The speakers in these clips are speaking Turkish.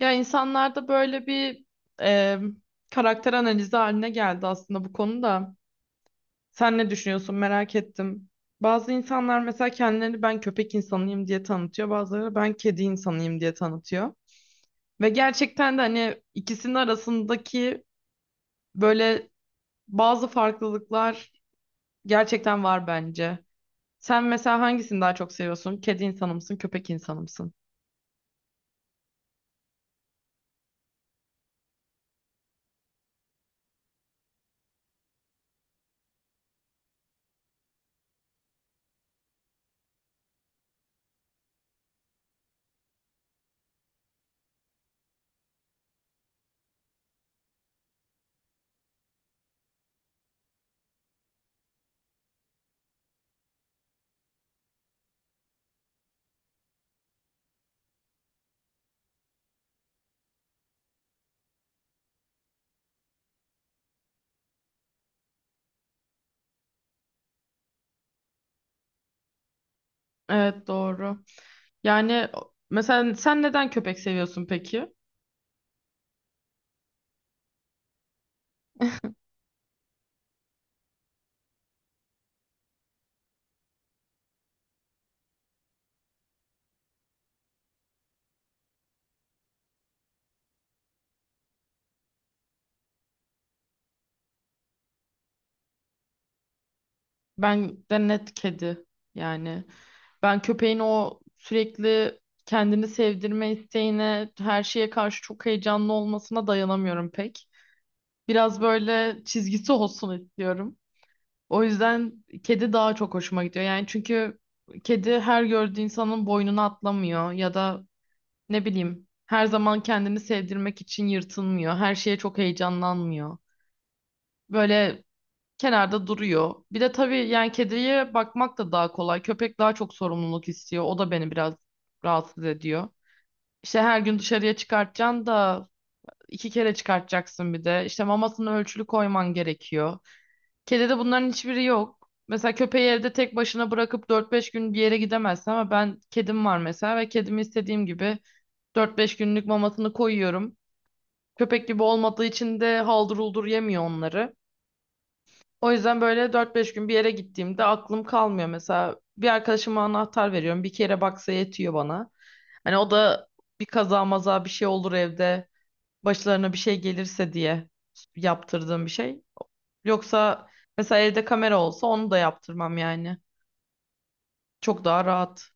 Ya insanlarda böyle bir e, karakter analizi haline geldi aslında bu konuda. Sen ne düşünüyorsun merak ettim. Bazı insanlar mesela kendilerini ben köpek insanıyım diye tanıtıyor. Bazıları ben kedi insanıyım diye tanıtıyor. Ve gerçekten de hani ikisinin arasındaki böyle bazı farklılıklar gerçekten var bence. Sen mesela hangisini daha çok seviyorsun? Kedi insanı mısın, köpek insanı mısın? Evet, doğru. Yani mesela sen neden köpek seviyorsun peki? Ben de net kedi yani. Ben köpeğin o sürekli kendini sevdirme isteğine, her şeye karşı çok heyecanlı olmasına dayanamıyorum pek. Biraz böyle çizgisi olsun istiyorum. O yüzden kedi daha çok hoşuma gidiyor. Yani çünkü kedi her gördüğü insanın boynuna atlamıyor ya da ne bileyim her zaman kendini sevdirmek için yırtınmıyor. Her şeye çok heyecanlanmıyor. Böyle kenarda duruyor. Bir de tabii yani kediye bakmak da daha kolay. Köpek daha çok sorumluluk istiyor. O da beni biraz rahatsız ediyor. İşte her gün dışarıya çıkartacaksın da iki kere çıkartacaksın bir de. İşte mamasını ölçülü koyman gerekiyor. Kedide bunların hiçbiri yok. Mesela köpeği evde tek başına bırakıp dört beş gün bir yere gidemezsin ama ben kedim var mesela ve kedimi istediğim gibi dört beş günlük mamasını koyuyorum. Köpek gibi olmadığı için de haldır uldur yemiyor onları. O yüzden böyle dört beş gün bir yere gittiğimde aklım kalmıyor. Mesela bir arkadaşıma anahtar veriyorum. Bir kere baksa yetiyor bana. Hani o da bir kaza maza bir şey olur evde. Başlarına bir şey gelirse diye yaptırdığım bir şey. Yoksa mesela evde kamera olsa onu da yaptırmam yani. Çok daha rahat.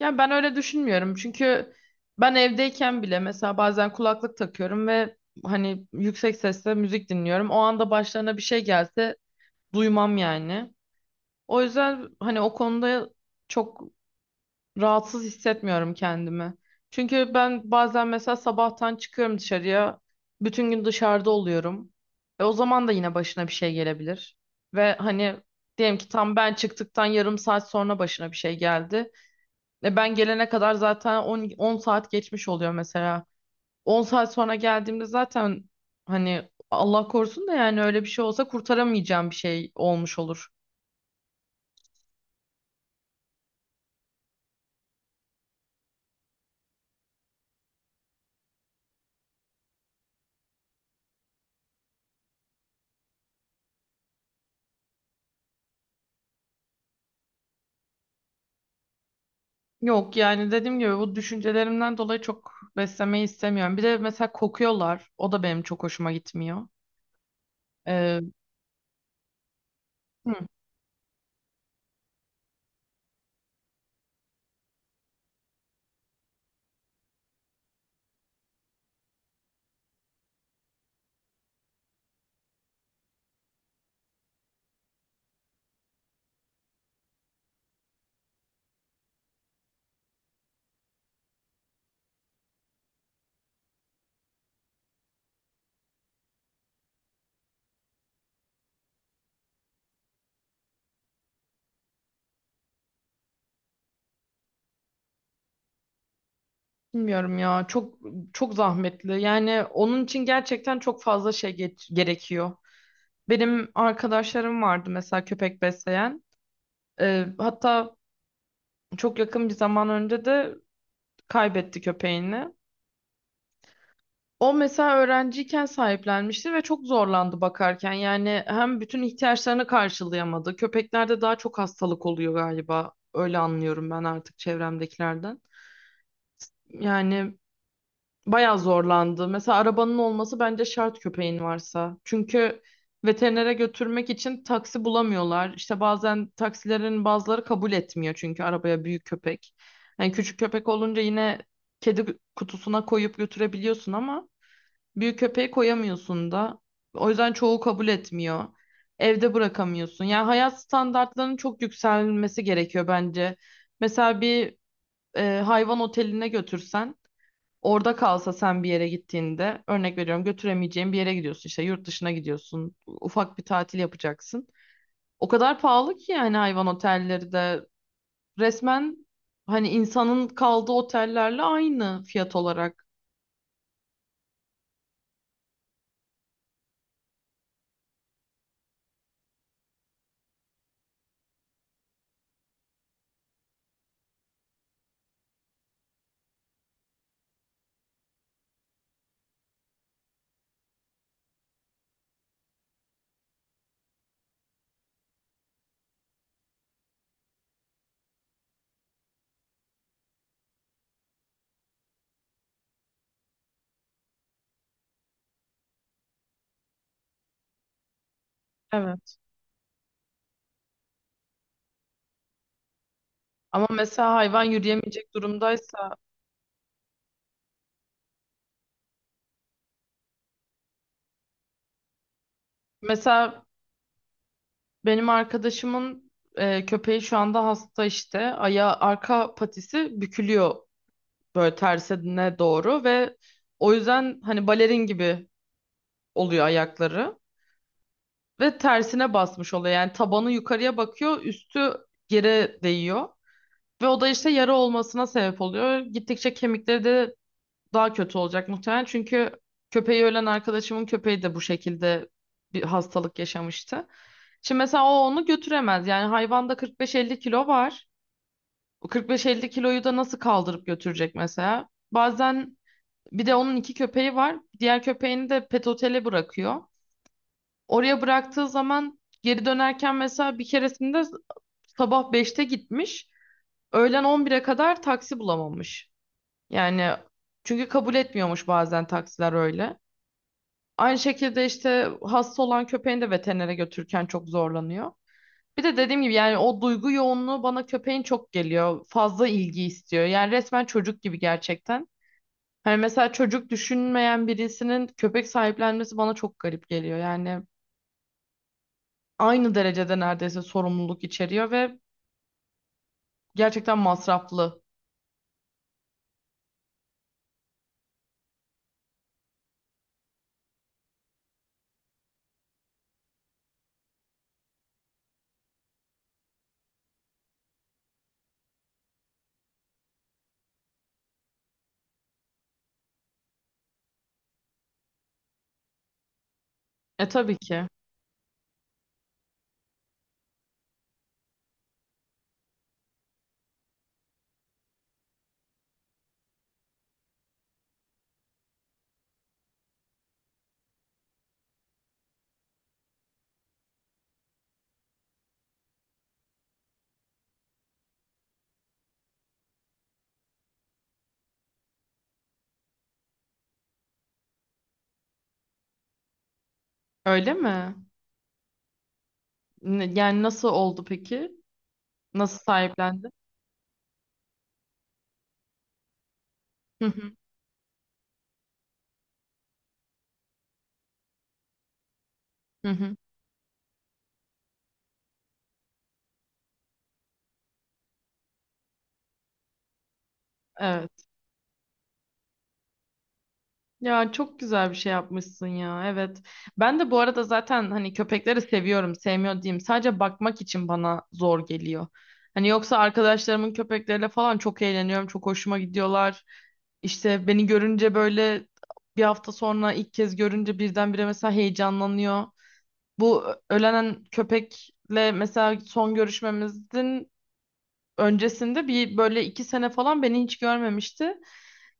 Yani ben öyle düşünmüyorum. Çünkü ben evdeyken bile mesela bazen kulaklık takıyorum ve hani yüksek sesle müzik dinliyorum. O anda başlarına bir şey gelse duymam yani. O yüzden hani o konuda çok rahatsız hissetmiyorum kendimi. Çünkü ben bazen mesela sabahtan çıkıyorum dışarıya. Bütün gün dışarıda oluyorum. E o zaman da yine başına bir şey gelebilir. Ve hani diyelim ki tam ben çıktıktan yarım saat sonra başına bir şey geldi. E ben gelene kadar zaten 10 saat geçmiş oluyor mesela. 10 saat sonra geldiğimde zaten hani Allah korusun da yani öyle bir şey olsa kurtaramayacağım bir şey olmuş olur. Yok yani dediğim gibi bu düşüncelerimden dolayı çok beslemeyi istemiyorum. Bir de mesela kokuyorlar. O da benim çok hoşuma gitmiyor. Ee, hı, bilmiyorum ya, çok çok zahmetli. Yani onun için gerçekten çok fazla gerekiyor. Benim arkadaşlarım vardı mesela köpek besleyen. Hatta Çok yakın bir zaman önce de kaybetti köpeğini. O mesela öğrenciyken sahiplenmişti ve çok zorlandı bakarken. Yani hem bütün ihtiyaçlarını karşılayamadı. Köpeklerde daha çok hastalık oluyor galiba. Öyle anlıyorum ben artık çevremdekilerden. Yani bayağı zorlandı. Mesela arabanın olması bence şart köpeğin varsa. Çünkü veterinere götürmek için taksi bulamıyorlar. İşte bazen taksilerin bazıları kabul etmiyor çünkü arabaya büyük köpek. Yani küçük köpek olunca yine kedi kutusuna koyup götürebiliyorsun ama büyük köpeği koyamıyorsun da. O yüzden çoğu kabul etmiyor. Evde bırakamıyorsun. Yani hayat standartlarının çok yükselmesi gerekiyor bence. Mesela bir hayvan oteline götürsen, orada kalsa, sen bir yere gittiğinde, örnek veriyorum, götüremeyeceğin bir yere gidiyorsun, işte yurt dışına gidiyorsun, ufak bir tatil yapacaksın. O kadar pahalı ki yani hayvan otelleri de, resmen hani insanın kaldığı otellerle aynı fiyat olarak. Evet. Ama mesela hayvan yürüyemeyecek durumdaysa, mesela benim arkadaşımın köpeği şu anda hasta, işte ayağı, arka patisi bükülüyor böyle tersine doğru ve o yüzden hani balerin gibi oluyor ayakları ve tersine basmış oluyor. Yani tabanı yukarıya bakıyor, üstü yere değiyor ve o da işte yara olmasına sebep oluyor. Gittikçe kemikleri de daha kötü olacak muhtemelen. Çünkü köpeği ölen arkadaşımın köpeği de bu şekilde bir hastalık yaşamıştı. Şimdi mesela o onu götüremez. Yani hayvanda 45-50 kilo var. O 45-50 kiloyu da nasıl kaldırıp götürecek mesela? Bazen bir de onun iki köpeği var. Diğer köpeğini de pet otele bırakıyor. Oraya bıraktığı zaman geri dönerken mesela bir keresinde sabah 5'te gitmiş. Öğlen 11'e kadar taksi bulamamış. Yani çünkü kabul etmiyormuş bazen taksiler öyle. Aynı şekilde işte hasta olan köpeğini de veterinere götürürken çok zorlanıyor. Bir de dediğim gibi yani o duygu yoğunluğu bana köpeğin çok geliyor. Fazla ilgi istiyor. Yani resmen çocuk gibi gerçekten. Hani mesela çocuk düşünmeyen birisinin köpek sahiplenmesi bana çok garip geliyor. Yani aynı derecede neredeyse sorumluluk içeriyor ve gerçekten masraflı. E tabii ki. Öyle mi? Yani nasıl oldu peki? Nasıl sahiplendi? Hı hı. Hı hı. Evet. Ya, çok güzel bir şey yapmışsın ya. Evet. Ben de bu arada zaten hani köpekleri seviyorum, sevmiyor diyeyim. Sadece bakmak için bana zor geliyor. Hani yoksa arkadaşlarımın köpekleriyle falan çok eğleniyorum, çok hoşuma gidiyorlar. İşte beni görünce böyle, bir hafta sonra ilk kez görünce birdenbire mesela heyecanlanıyor. Bu ölenen köpekle mesela son görüşmemizin öncesinde bir böyle iki sene falan beni hiç görmemişti.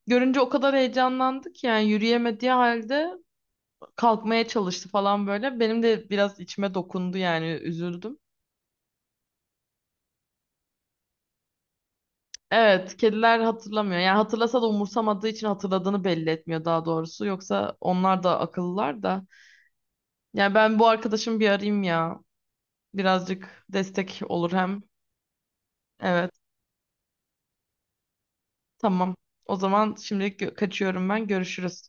Görünce o kadar heyecanlandık yani, yürüyemediği halde kalkmaya çalıştı falan böyle. Benim de biraz içime dokundu yani, üzüldüm. Evet, kediler hatırlamıyor. Yani hatırlasa da umursamadığı için hatırladığını belli etmiyor daha doğrusu. Yoksa onlar da akıllılar da. Yani ben bu arkadaşımı bir arayayım ya. Birazcık destek olur hem. Evet. Tamam. O zaman şimdilik kaçıyorum ben. Görüşürüz.